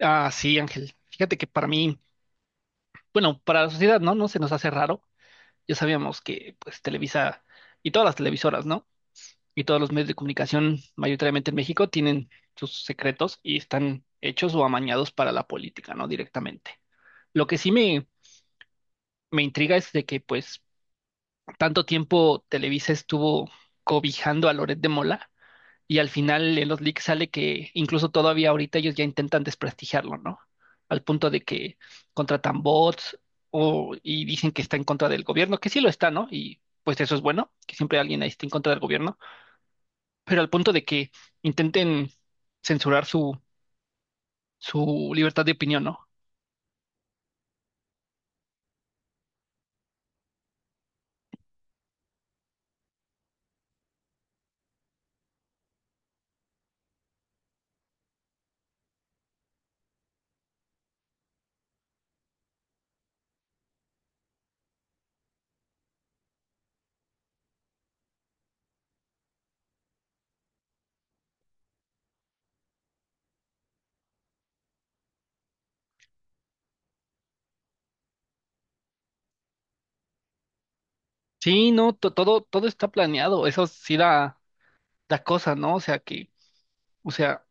Ah, sí, Ángel. Fíjate que para mí, bueno, para la sociedad, ¿no? No se nos hace raro. Ya sabíamos que, pues, Televisa y todas las televisoras, ¿no? Y todos los medios de comunicación, mayoritariamente en México, tienen sus secretos y están hechos o amañados para la política, ¿no? Directamente. Lo que sí me intriga es de que, pues, tanto tiempo Televisa estuvo cobijando a Loret de Mola. Y al final en los leaks sale que incluso todavía ahorita ellos ya intentan desprestigiarlo, ¿no? Al punto de que contratan bots o, y dicen que está en contra del gobierno, que sí lo está, ¿no? Y pues eso es bueno, que siempre alguien ahí esté en contra del gobierno, pero al punto de que intenten censurar su libertad de opinión, ¿no? Sí, no, todo, todo está planeado, eso sí da cosa, ¿no? O sea que, o sea,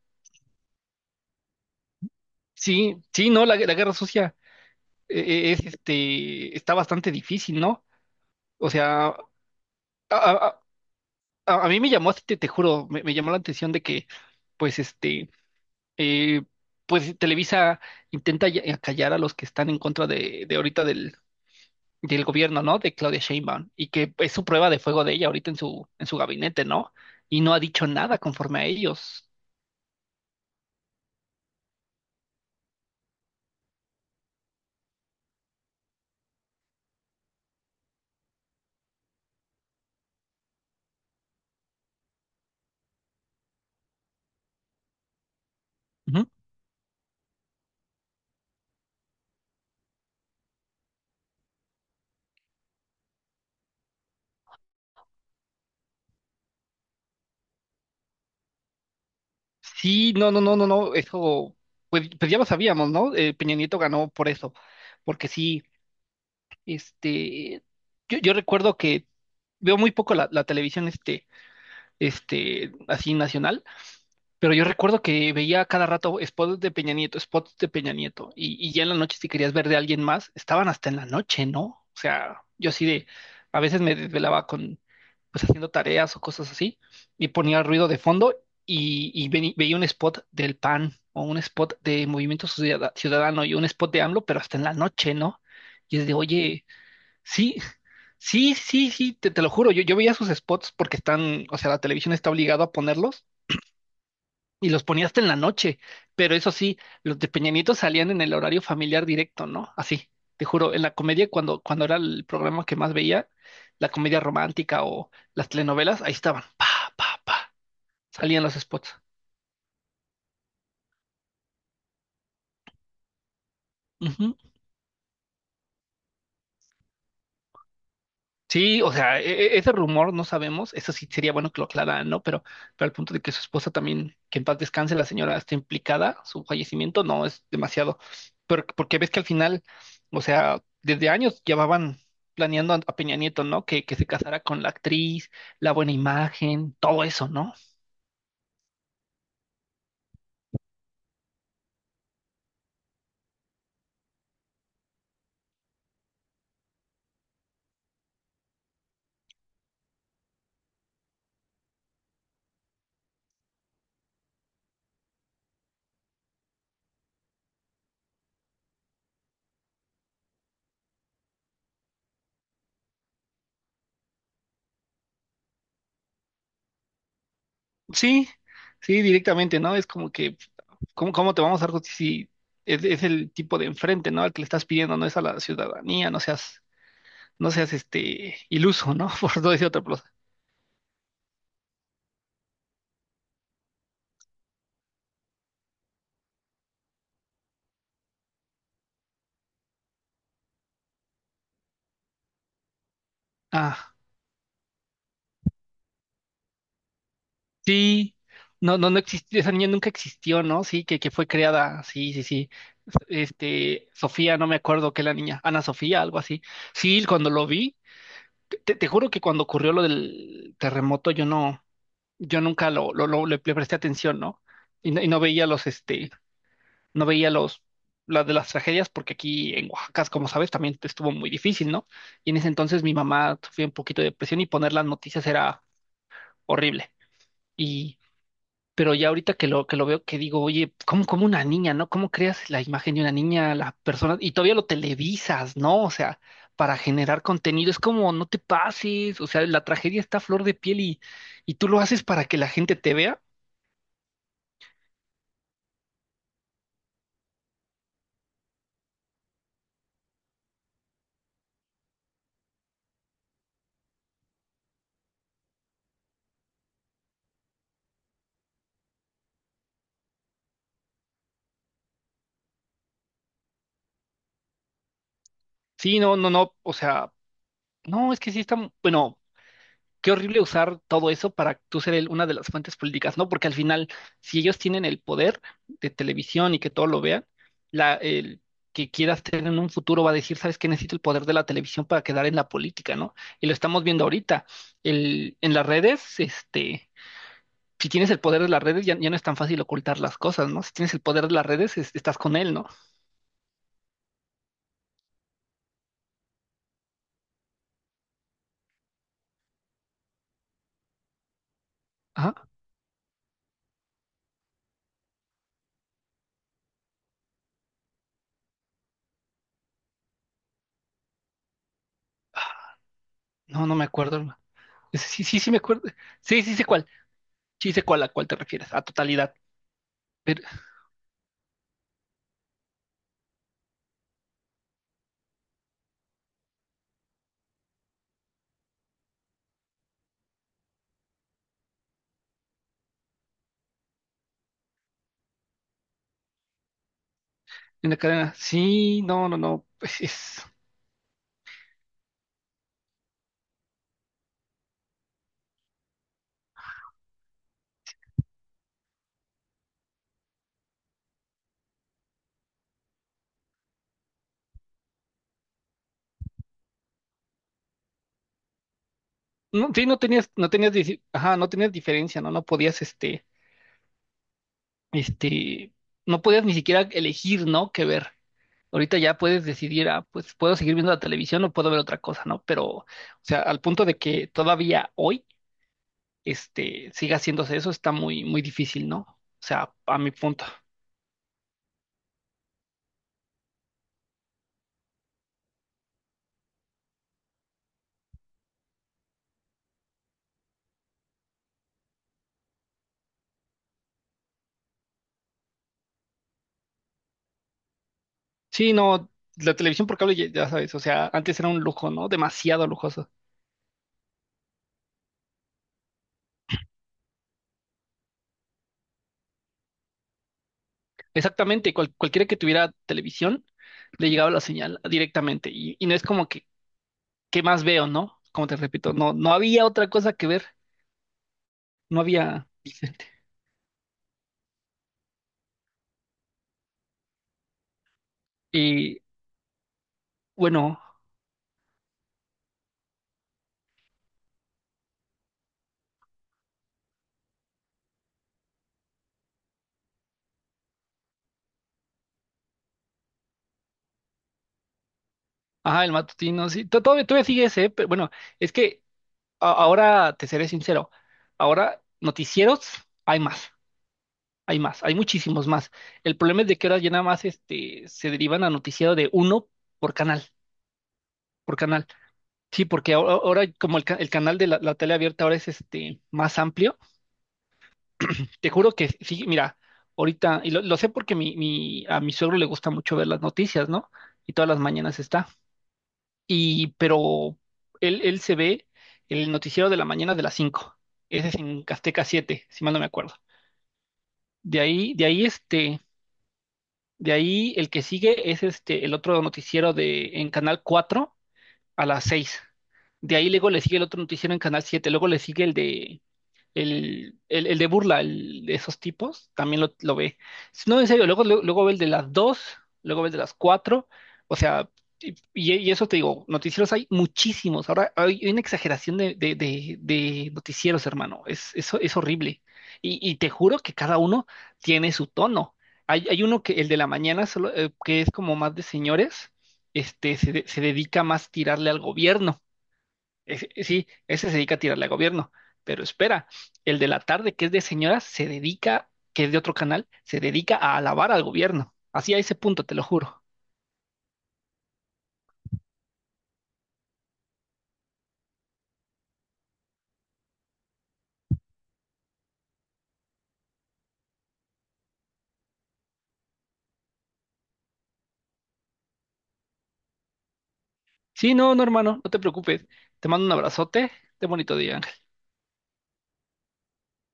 sí, sí, no, la guerra sucia es está bastante difícil, ¿no? O sea, A, a- a mí me llamó, te juro, me llamó la atención de que, pues, eh, pues Televisa callar a los que están en contra de ahorita del gobierno, ¿no? De Claudia Sheinbaum, y que es su prueba de fuego de ella ahorita en en su gabinete, ¿no? Y no ha dicho nada conforme a ellos. Ujú. Sí, no, no, no, no, no, eso, pues, pues ya lo sabíamos, ¿no? Peña Nieto ganó por eso, porque sí, este, yo recuerdo que veo muy poco la televisión, así nacional, pero yo recuerdo que veía cada rato spots de Peña Nieto, spots de Peña Nieto, y ya en la noche si querías ver de alguien más, estaban hasta en la noche, ¿no? O sea, yo así de, a veces me desvelaba con, pues haciendo tareas o cosas así, y ponía ruido de fondo y veía un spot del PAN o un spot de Movimiento Ciudadano y un spot de AMLO, pero hasta en la noche, ¿no? Y es de, oye, sí, sí, sí, sí, te lo juro, yo veía sus spots porque están, o sea, la televisión está obligada a ponerlos y los ponía hasta en la noche, pero eso sí, los de Peña Nieto salían en el horario familiar directo, ¿no? Así, te juro, en la comedia cuando era el programa que más veía, la comedia romántica o las telenovelas, ahí estaban, pa, pa, pa, salían los spots. Sí, o sea, ese rumor no sabemos, eso sí sería bueno que lo aclararan, ¿no? Pero al punto de que su esposa también, que en paz descanse, la señora está implicada, su fallecimiento no es demasiado. Pero, porque ves que al final, o sea, desde años llevaban planeando a Peña Nieto, ¿no? Que se casara con la actriz, la buena imagen, todo eso, ¿no? Sí, sí, directamente, ¿no? Es como que, ¿cómo, cómo te vamos a dar justicia si es el tipo de enfrente, ¿no? Al que le estás pidiendo, no es a la ciudadanía, no seas este iluso, ¿no? Por no decir otra cosa. Ah, sí. No, no, no existió, esa niña nunca existió, ¿no? Sí, que fue creada, sí, sí, sí. Este, Sofía, no me acuerdo qué la niña, Ana Sofía, algo así. Sí, cuando lo vi, te juro que cuando ocurrió lo del terremoto, yo no, yo nunca le presté atención, ¿no? Y, no y no veía los, este, no veía los, las de las tragedias porque aquí en Oaxaca, como sabes, también estuvo muy difícil, ¿no? Y en ese entonces mi mamá sufría un poquito de depresión y poner las noticias era horrible. Y, pero ya ahorita que que lo veo, que digo, oye, ¿cómo, cómo una niña, ¿no? ¿Cómo creas la imagen de una niña, la persona? Y todavía lo televisas, ¿no? O sea, para generar contenido, es como, no te pases, o sea, la tragedia está a flor de piel y tú lo haces para que la gente te vea. Sí, no, no, no, o sea, no, es que sí está, bueno. Qué horrible usar todo eso para tú ser una de las fuentes políticas, ¿no? Porque al final, si ellos tienen el poder de televisión y que todo lo vean, el que quieras tener en un futuro va a decir, ¿sabes qué? Necesito el poder de la televisión para quedar en la política, ¿no? Y lo estamos viendo ahorita. En las redes, este, si tienes el poder de las redes, ya, ya no es tan fácil ocultar las cosas, ¿no? Si tienes el poder de las redes, estás con él, ¿no? Ajá. Ah, no, no me acuerdo, hermano. Sí, sí, sí, sí me acuerdo. Sí, sí sé cuál. Sí sé cuál a cuál te refieres, a totalidad. Pero, en la cadena. Sí, no, no, no, pues es- No, sí, no tenías, no tenías, ajá, no tenías diferencia, ¿no? No podías, este, no podías ni siquiera elegir, ¿no? Qué ver. Ahorita ya puedes decidir, ah, pues puedo seguir viendo la televisión o puedo ver otra cosa, ¿no? Pero, o sea, al punto de que todavía hoy, este, siga haciéndose eso, está muy, muy difícil, ¿no? O sea, a mi punto. Sí, no, la televisión por cable, ya ya sabes, o sea, antes era un lujo, ¿no? Demasiado lujoso. Exactamente, cualquiera que tuviera televisión le llegaba la señal directamente y no es como que, ¿qué más veo, no? Como te repito, no, no había otra cosa que ver, no había, y bueno, ajá, el matutino, sí, todavía, todavía sigue ese, ¿eh? Pero bueno, es que ahora, te seré sincero, ahora noticieros hay más, hay más, hay muchísimos más. El problema es de que ahora ya nada más este, se derivan a noticiero de uno por canal, por canal. Sí, porque ahora, ahora como el canal de la tele abierta ahora es este más amplio, te juro que sí, mira, ahorita, y lo sé porque a mi suegro le gusta mucho ver las noticias, ¿no? Y todas las mañanas está. Y, pero él se ve el noticiero de la mañana de las 5. Ese es en Azteca 7, si mal no me acuerdo. De ahí este, de ahí el que sigue es este, el otro noticiero de, en Canal 4 a las 6. De ahí luego le sigue el otro noticiero en Canal 7. Luego le sigue el de el de burla, el de esos tipos, también lo ve. Si no, en serio, luego, luego, luego ve el de las 2, luego ve el de las 4, o sea, eso te digo, noticieros hay muchísimos, ahora hay una exageración de noticieros, hermano, es, eso es horrible. Y te juro que cada uno tiene su tono. Hay uno que, el de la mañana, solo, que es como más de señores, se dedica más a tirarle al gobierno. Sí, ese se dedica a tirarle al gobierno, pero espera, el de la tarde, que es de señoras, se dedica, que es de otro canal, se dedica a alabar al gobierno. Así a ese punto, te lo juro. Sí, no, no, hermano, no te preocupes. Te mando un abrazote. Ten bonito día.